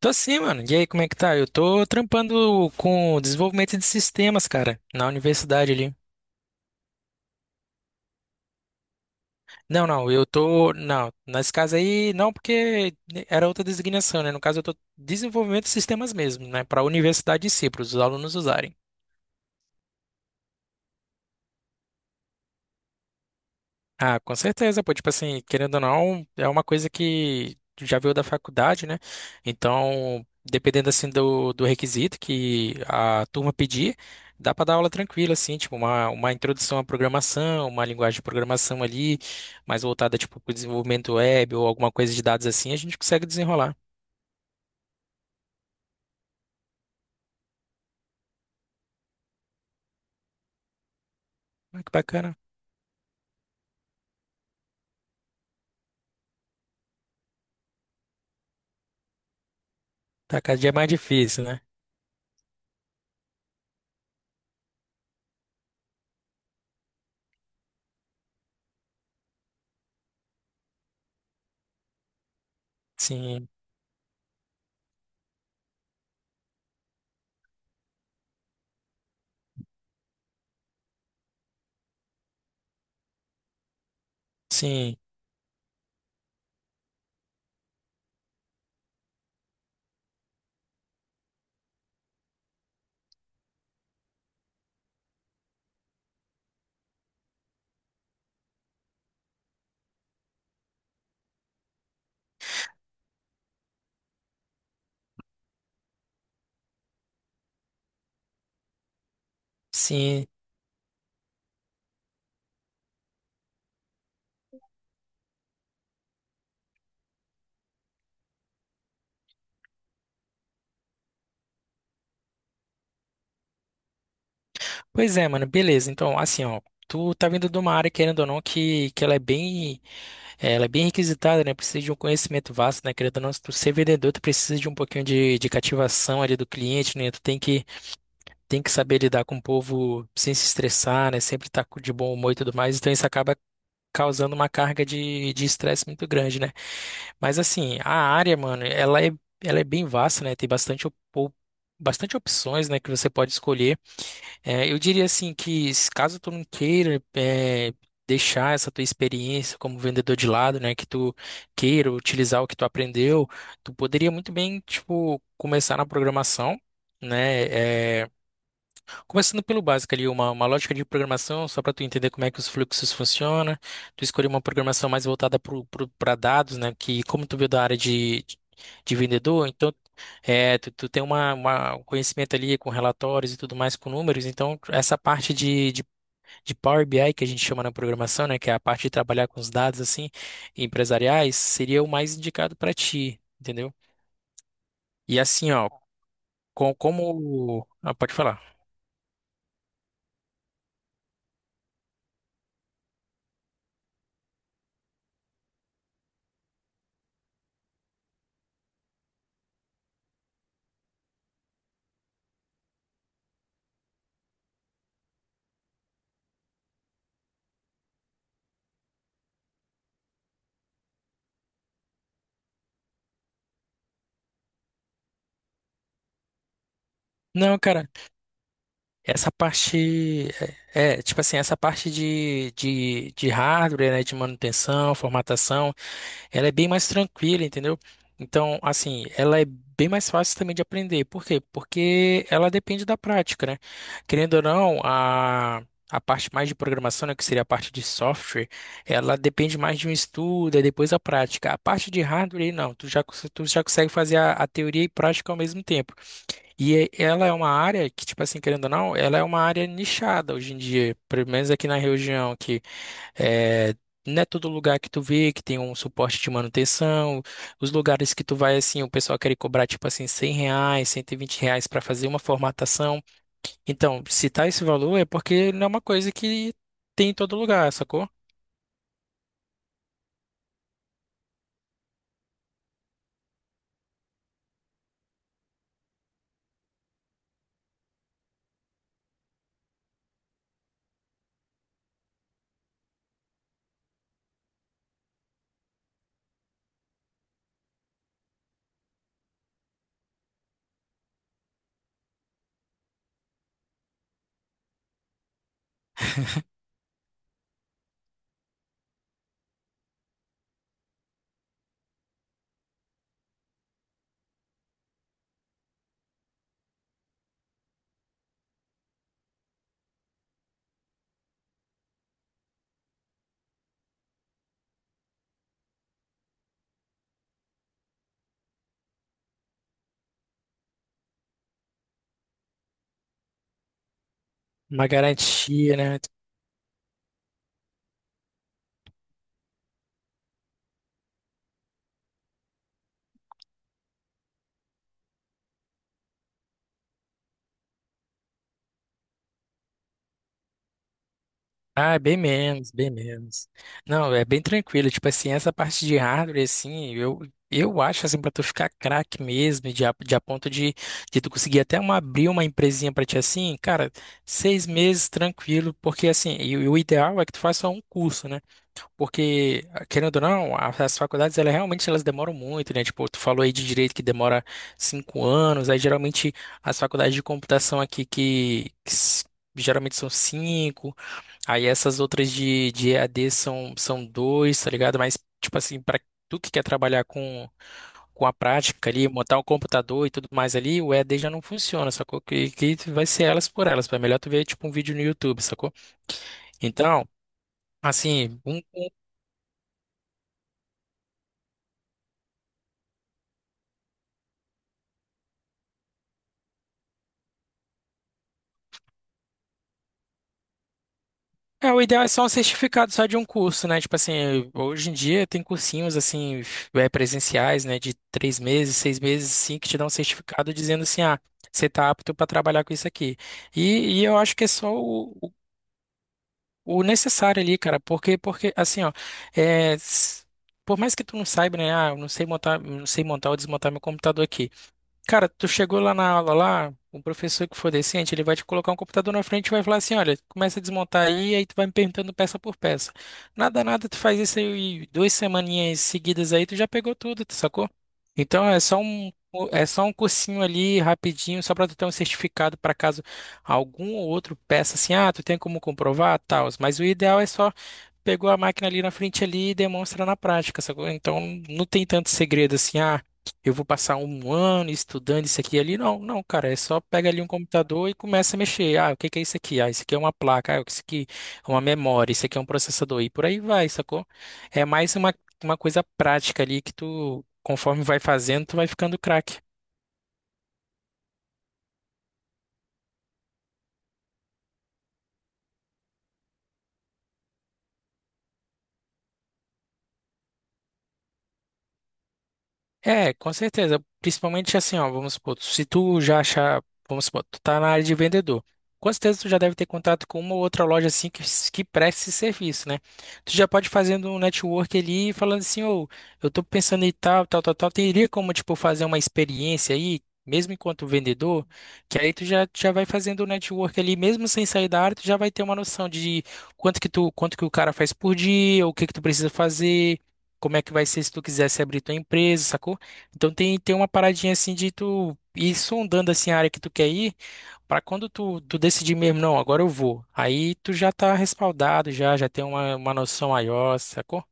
Tô sim, mano. E aí, como é que tá? Eu tô trampando com desenvolvimento de sistemas, cara, na universidade ali. Não, não, eu tô. Não, nesse caso aí, não, porque era outra designação, né? No caso, eu tô desenvolvimento de sistemas mesmo, né? Pra universidade em si, para os alunos usarem. Ah, com certeza, pô. Tipo assim, querendo ou não, é uma coisa que tu já veio da faculdade, né? Então, dependendo assim do requisito que a turma pedir, dá pra dar aula tranquila, assim, tipo, uma introdução à programação, uma linguagem de programação ali, mais voltada, tipo, pro desenvolvimento web ou alguma coisa de dados assim, a gente consegue desenrolar. Ah, que bacana. Tá, cada dia é mais difícil, né? Sim, sim, sim. Pois é, mano, beleza. Então, assim, ó. Tu tá vindo de uma área, querendo ou não, que ela é bem É, Ela é bem requisitada, né? Precisa de um conhecimento vasto, né? Querendo ou não, se tu ser vendedor, tu precisa de um pouquinho de cativação ali do cliente, né? Tu tem que saber lidar com o povo sem se estressar, né? Sempre estar de bom humor e tudo mais. Então isso acaba causando uma carga de estresse muito grande, né? Mas assim, a área, mano, ela é bem vasta, né? Tem bastante opções, né? Que você pode escolher. É, eu diria assim que se caso tu não queira deixar essa tua experiência como vendedor de lado, né, que tu queira utilizar o que tu aprendeu, tu poderia muito bem, tipo, começar na programação, né? Começando pelo básico ali, uma lógica de programação, só para tu entender como é que os fluxos funcionam, tu escolher uma programação mais voltada para dados, né? Que como tu veio da área de vendedor, então tu tem um conhecimento ali com relatórios e tudo mais, com números, então essa parte de Power BI que a gente chama na programação, né? Que é a parte de trabalhar com os dados assim, empresariais, seria o mais indicado para ti, entendeu? E assim, ó, Ah, pode falar. Não, cara. Essa parte, tipo assim, essa parte de hardware, né, de manutenção, formatação, ela é bem mais tranquila, entendeu? Então, assim, ela é bem mais fácil também de aprender. Por quê? Porque ela depende da prática, né? Querendo ou não, a parte mais de programação, né, que seria a parte de software, ela depende mais de um estudo, e depois a prática. A parte de hardware, não, tu já consegue fazer a teoria e prática ao mesmo tempo. E ela é uma área que, tipo assim, querendo ou não, ela é uma área nichada hoje em dia, pelo menos aqui na região, que é, não é todo lugar que tu vê que tem um suporte de manutenção. Os lugares que tu vai, assim, o pessoal quer cobrar, tipo assim, 100 reais, 120 reais para fazer uma formatação. Então, se tá esse valor é porque não é uma coisa que tem em todo lugar, sacou? Uma garantia, né? Ah, é bem menos, bem menos. Não, é bem tranquilo. Tipo assim, essa parte de hardware, assim, eu acho assim, pra tu ficar craque mesmo, de a ponto de tu conseguir até abrir uma empresinha pra ti assim, cara, 6 meses tranquilo, porque assim, e o ideal é que tu faça um curso, né? Porque, querendo ou não, as faculdades, elas realmente elas demoram muito, né? Tipo, tu falou aí de direito que demora 5 anos, aí geralmente as faculdades de computação aqui geralmente são cinco. Aí essas outras de EAD são dois, tá ligado? Mas, tipo assim, para tu que quer trabalhar com a prática ali, montar um computador e tudo mais ali, o EAD já não funciona, sacou? Que vai ser elas por elas. É melhor tu ver, tipo, um vídeo no YouTube, sacou? Então, assim, É, o ideal é só um certificado só de um curso, né? Tipo assim, hoje em dia tem cursinhos assim, presenciais, né? De 3 meses, 6 meses, sim, que te dão um certificado dizendo assim, ah, você tá apto para trabalhar com isso aqui. E eu acho que é só o necessário ali, cara, porque assim, ó, é, s- por mais que tu não saiba, né? Ah, eu não sei montar, eu não sei montar ou desmontar meu computador aqui. Cara, tu chegou lá na aula lá, o professor que for decente, ele vai te colocar um computador na frente e vai falar assim, olha, começa a desmontar aí, aí tu vai me perguntando peça por peça. Nada, nada, tu faz isso aí 2 semaninhas seguidas aí, tu já pegou tudo, tu sacou? Então é só um cursinho ali rapidinho, só para tu ter um certificado para caso algum ou outro peça assim, ah, tu tem como comprovar, tal. Mas o ideal é só pegou a máquina ali na frente ali e demonstra na prática, sacou? Então não tem tanto segredo assim, ah, eu vou passar um ano estudando isso aqui e ali. Não, não, cara, é só pega ali um computador e começa a mexer. Ah, o que que é isso aqui? Ah, isso aqui é uma placa, ah, isso aqui é uma memória, isso aqui é um processador e por aí vai, sacou? É mais uma coisa prática ali que tu, conforme vai fazendo, tu vai ficando craque. É, com certeza. Principalmente assim, ó, vamos supor, se tu já achar, vamos supor, tu tá na área de vendedor. Com certeza tu já deve ter contato com uma ou outra loja assim que presta esse serviço, né? Tu já pode fazendo um network ali e falando assim, ô, eu tô pensando em tal, tal, tal, tal. Teria como, tipo, fazer uma experiência aí, mesmo enquanto vendedor, que aí tu já vai fazendo o network ali, mesmo sem sair da área, tu já vai ter uma noção de quanto que o cara faz por dia, o que que tu precisa fazer, como é que vai ser se tu quisesse abrir tua empresa, sacou? Então tem uma paradinha assim de tu ir sondando assim a área que tu quer ir, para quando tu decidir mesmo, não, agora eu vou. Aí tu já tá respaldado, já tem uma noção maior, sacou?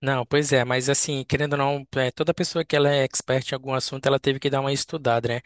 Não, pois é, mas assim, querendo ou não, toda pessoa que ela é expert em algum assunto, ela teve que dar uma estudada, né?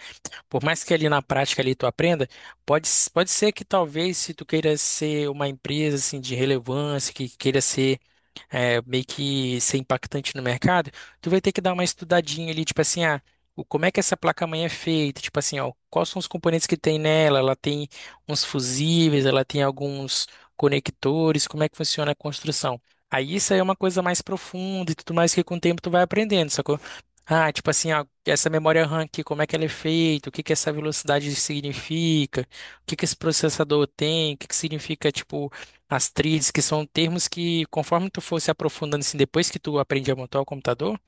Por mais que ali na prática ali tu aprenda, pode ser que talvez se tu queira ser uma empresa assim de relevância, que queira ser meio que ser impactante no mercado, tu vai ter que dar uma estudadinha ali, tipo assim, ah, como é que essa placa-mãe é feita, tipo assim, ó, quais são os componentes que tem nela, ela tem uns fusíveis, ela tem alguns conectores, como é que funciona a construção. Aí isso aí é uma coisa mais profunda e tudo mais que com o tempo tu vai aprendendo, sacou? Ah, tipo assim, ah, essa memória RAM aqui, como é que ela é feita, o que que essa velocidade significa, o que que esse processador tem, o que que significa, tipo, as Atriz, que são termos que, conforme tu for se aprofundando assim, depois que tu aprende a montar o computador,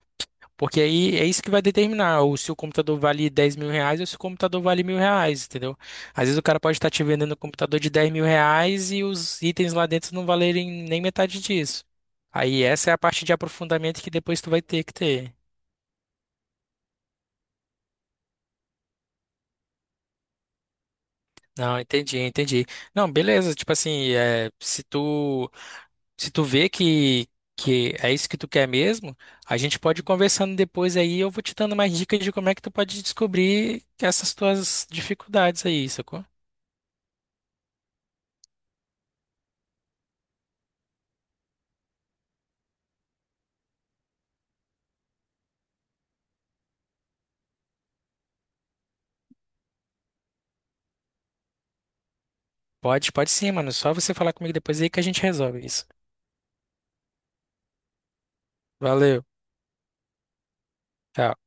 porque aí é isso que vai determinar o se o computador vale 10.000 reais ou se o computador vale 1.000 reais, entendeu? Às vezes o cara pode estar te vendendo um computador de 10.000 reais e os itens lá dentro não valerem nem metade disso. Aí essa é a parte de aprofundamento que depois tu vai ter que ter. Não, entendi, entendi. Não, beleza, tipo assim, se tu vê que é isso que tu quer mesmo, a gente pode ir conversando depois aí, eu vou te dando mais dicas de como é que tu pode descobrir essas tuas dificuldades aí, sacou? Pode, pode sim, mano. Só você falar comigo depois aí que a gente resolve isso. Valeu. Tchau.